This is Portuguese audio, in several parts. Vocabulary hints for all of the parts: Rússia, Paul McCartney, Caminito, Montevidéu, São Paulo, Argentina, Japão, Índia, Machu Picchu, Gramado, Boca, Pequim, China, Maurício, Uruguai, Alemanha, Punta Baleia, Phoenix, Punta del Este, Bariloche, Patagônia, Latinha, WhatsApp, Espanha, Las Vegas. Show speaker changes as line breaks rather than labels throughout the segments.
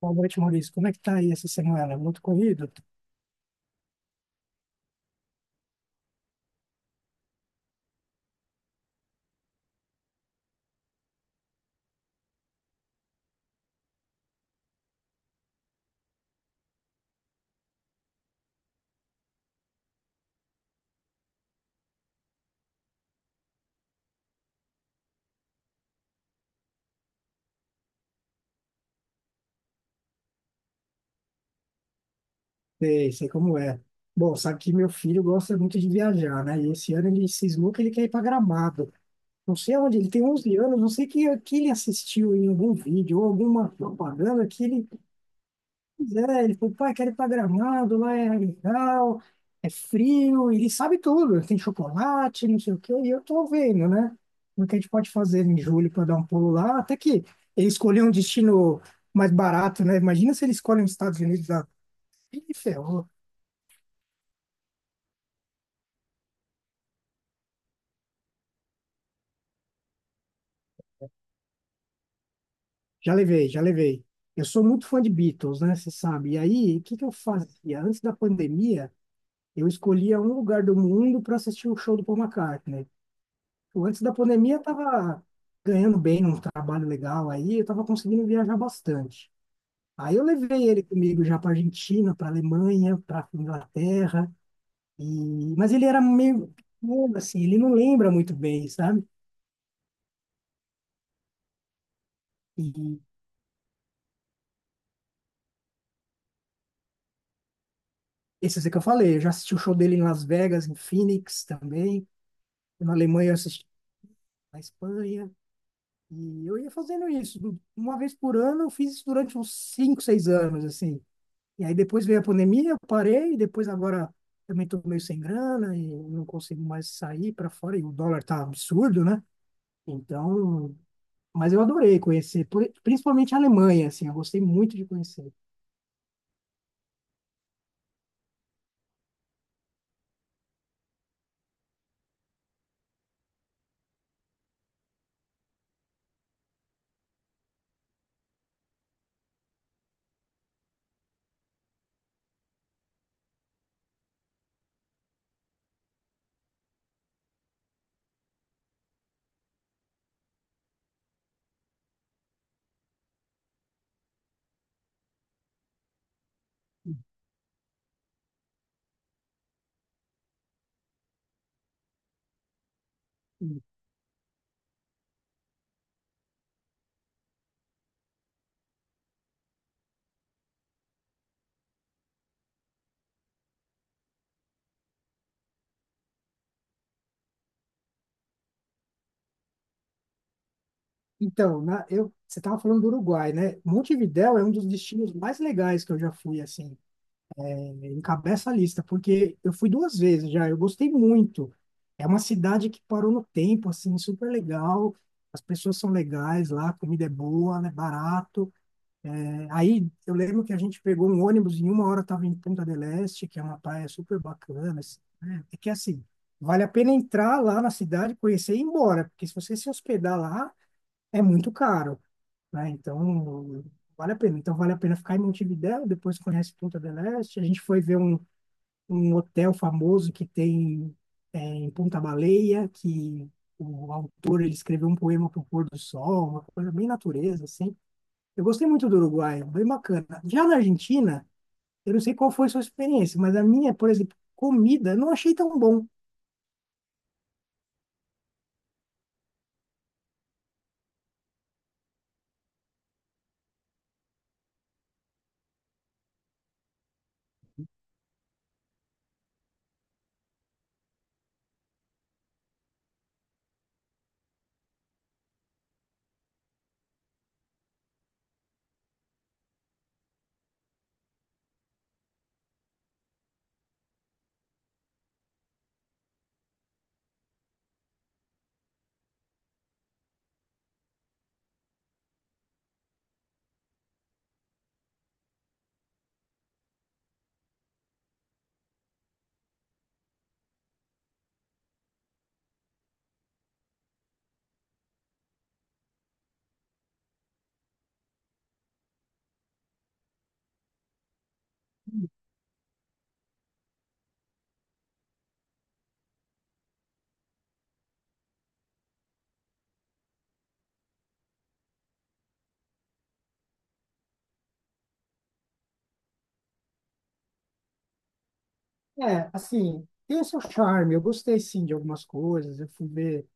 Boa noite, Maurício. Como é que tá aí essa semana? Muito corrido? Sei, sei como é. Bom, sabe que meu filho gosta muito de viajar, né? E esse ano ele cismou que ele quer ir para Gramado. Não sei onde, ele tem 11 anos, não sei que ele assistiu em algum vídeo ou alguma propaganda que ele. Pois é, ele falou, pai, quero ir pra Gramado, lá é legal, é frio, e ele sabe tudo, tem chocolate, não sei o quê, e eu tô vendo, né? O que a gente pode fazer em julho para dar um pulo lá, até que ele escolheu um destino mais barato, né? Imagina se ele escolhe os Estados Unidos lá. Ih, ferrou. Já levei, já levei. Eu sou muito fã de Beatles, né? Você sabe. E aí, o que que eu fazia? Antes da pandemia, eu escolhia um lugar do mundo para assistir o show do Paul McCartney. Antes da pandemia, eu tava ganhando bem num trabalho legal aí, eu tava conseguindo viajar bastante. Aí eu levei ele comigo já para Argentina, para Alemanha, para Inglaterra, e... mas ele era meio pequeno, assim, ele não lembra muito bem, sabe? E esse é que eu falei, eu já assisti o show dele em Las Vegas, em Phoenix também, na Alemanha eu assisti, na Espanha, e eu ia fazendo isso. Uma vez por ano, eu fiz isso durante uns 5, 6 anos, assim. E aí depois veio a pandemia, eu parei, depois agora também estou meio sem grana e não consigo mais sair para fora, e o dólar tá absurdo, né? Então, mas eu adorei conhecer, principalmente a Alemanha, assim, eu gostei muito de conhecer. E- Então, na, eu, você estava falando do Uruguai, né? Montevidéu é um dos destinos mais legais que eu já fui, assim. É, encabeça a lista, porque eu fui duas vezes já, eu gostei muito. É uma cidade que parou no tempo, assim, super legal. As pessoas são legais lá, a comida é boa, é barato. É, aí eu lembro que a gente pegou um ônibus e em uma hora estava em Punta del Este, que é uma praia super bacana, assim, né? É que assim, vale a pena entrar lá na cidade, conhecer e ir embora, porque se você se hospedar lá, é muito caro, né? Então, vale a pena. Então, vale a pena ficar em Montevidéu, depois conhece Punta del Este. A gente foi ver um um hotel famoso que tem, é, em Punta Baleia, que o autor ele escreveu um poema para o pôr do sol, uma coisa bem natureza, assim. Eu gostei muito do Uruguai, bem bacana. Já na Argentina, eu não sei qual foi a sua experiência, mas a minha, por exemplo, comida, eu não achei tão bom. É, assim, tem o seu charme. Eu gostei, sim, de algumas coisas. Eu fui ver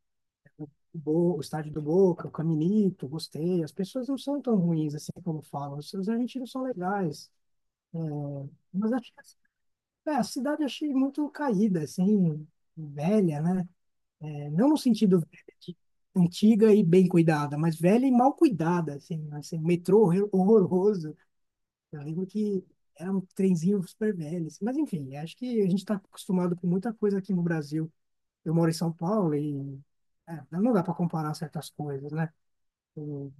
o estádio do Boca, o Caminito, gostei. As pessoas não são tão ruins assim como falam. Os seus argentinos são legais. Mas acho que, é, a cidade eu achei muito caída, assim, velha, né? É, não no sentido velha, de antiga e bem cuidada, mas velha e mal cuidada, assim, assim, metrô horroroso. Eu lembro que era um trenzinho super velho, assim. Mas enfim, acho que a gente está acostumado com muita coisa aqui no Brasil. Eu moro em São Paulo e é, não dá para comparar certas coisas, né? Eu-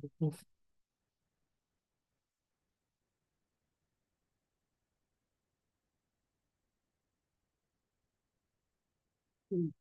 Enfim,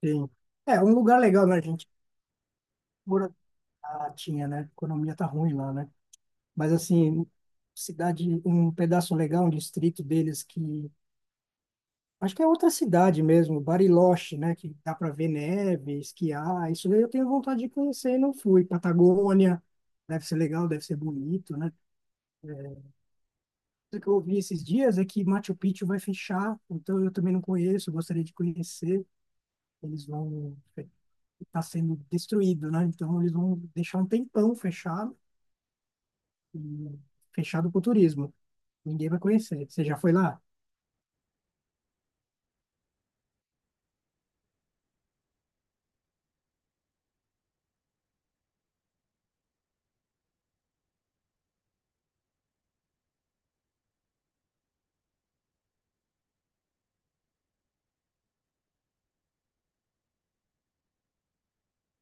tem- é um lugar legal, né? A gente mora na Latinha, né? A economia tá ruim lá, né? Mas, assim, cidade, um pedaço legal, um distrito deles que. Acho que é outra cidade mesmo, Bariloche, né? Que dá para ver neve, esquiar. Isso daí eu tenho vontade de conhecer e não fui. Patagônia, deve ser legal, deve ser bonito, né? O que eu ouvi esses dias é que Machu Picchu vai fechar, então eu também não conheço, gostaria de conhecer. Eles vão. Está sendo destruído, né? Então eles vão deixar um tempão fechado, e fechado para o turismo. Ninguém vai conhecer. Você já foi lá?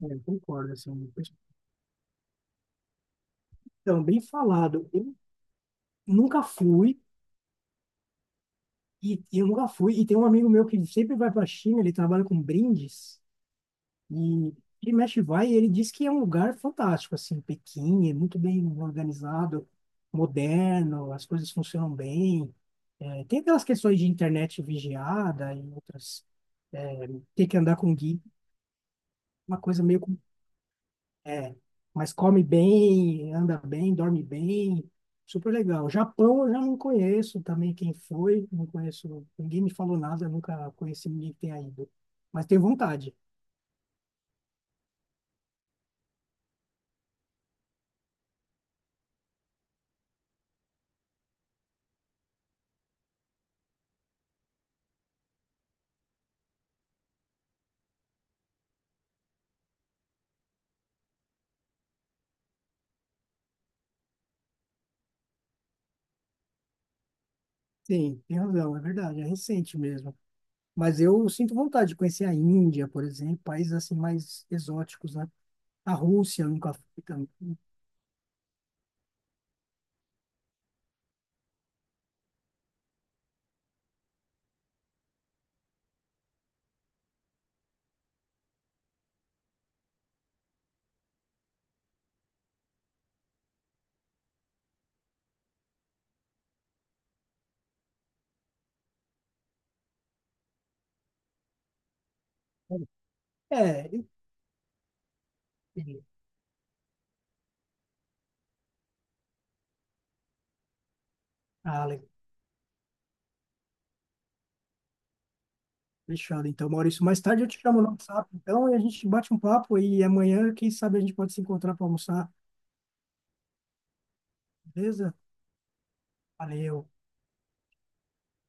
É, eu concordo, assim. Depois- Então, bem falado. Nunca fui, eu nunca fui, e tem um amigo meu que sempre vai para a China, ele trabalha com brindes, e ele mexe vai, e ele diz que é um lugar fantástico, assim, Pequim, é muito bem organizado, moderno, as coisas funcionam bem. É, tem aquelas questões de internet vigiada e outras, é, ter que andar com guia, uma coisa meio é, mas come bem, anda bem, dorme bem, super legal. Japão eu já não conheço também, quem foi, não conheço, ninguém me falou nada, nunca conheci ninguém que tenha ido. Mas tenho vontade, sim, tem razão, é verdade, é recente mesmo. Mas eu sinto vontade de conhecer a Índia, por exemplo, países assim mais exóticos, né? A Rússia eu nunca fui também. É, eu entendi. Ah, legal. Fechado, então, Maurício. Mais tarde eu te chamo no WhatsApp, então, e a gente bate um papo e amanhã, quem sabe, a gente pode se encontrar para almoçar. Beleza? Valeu.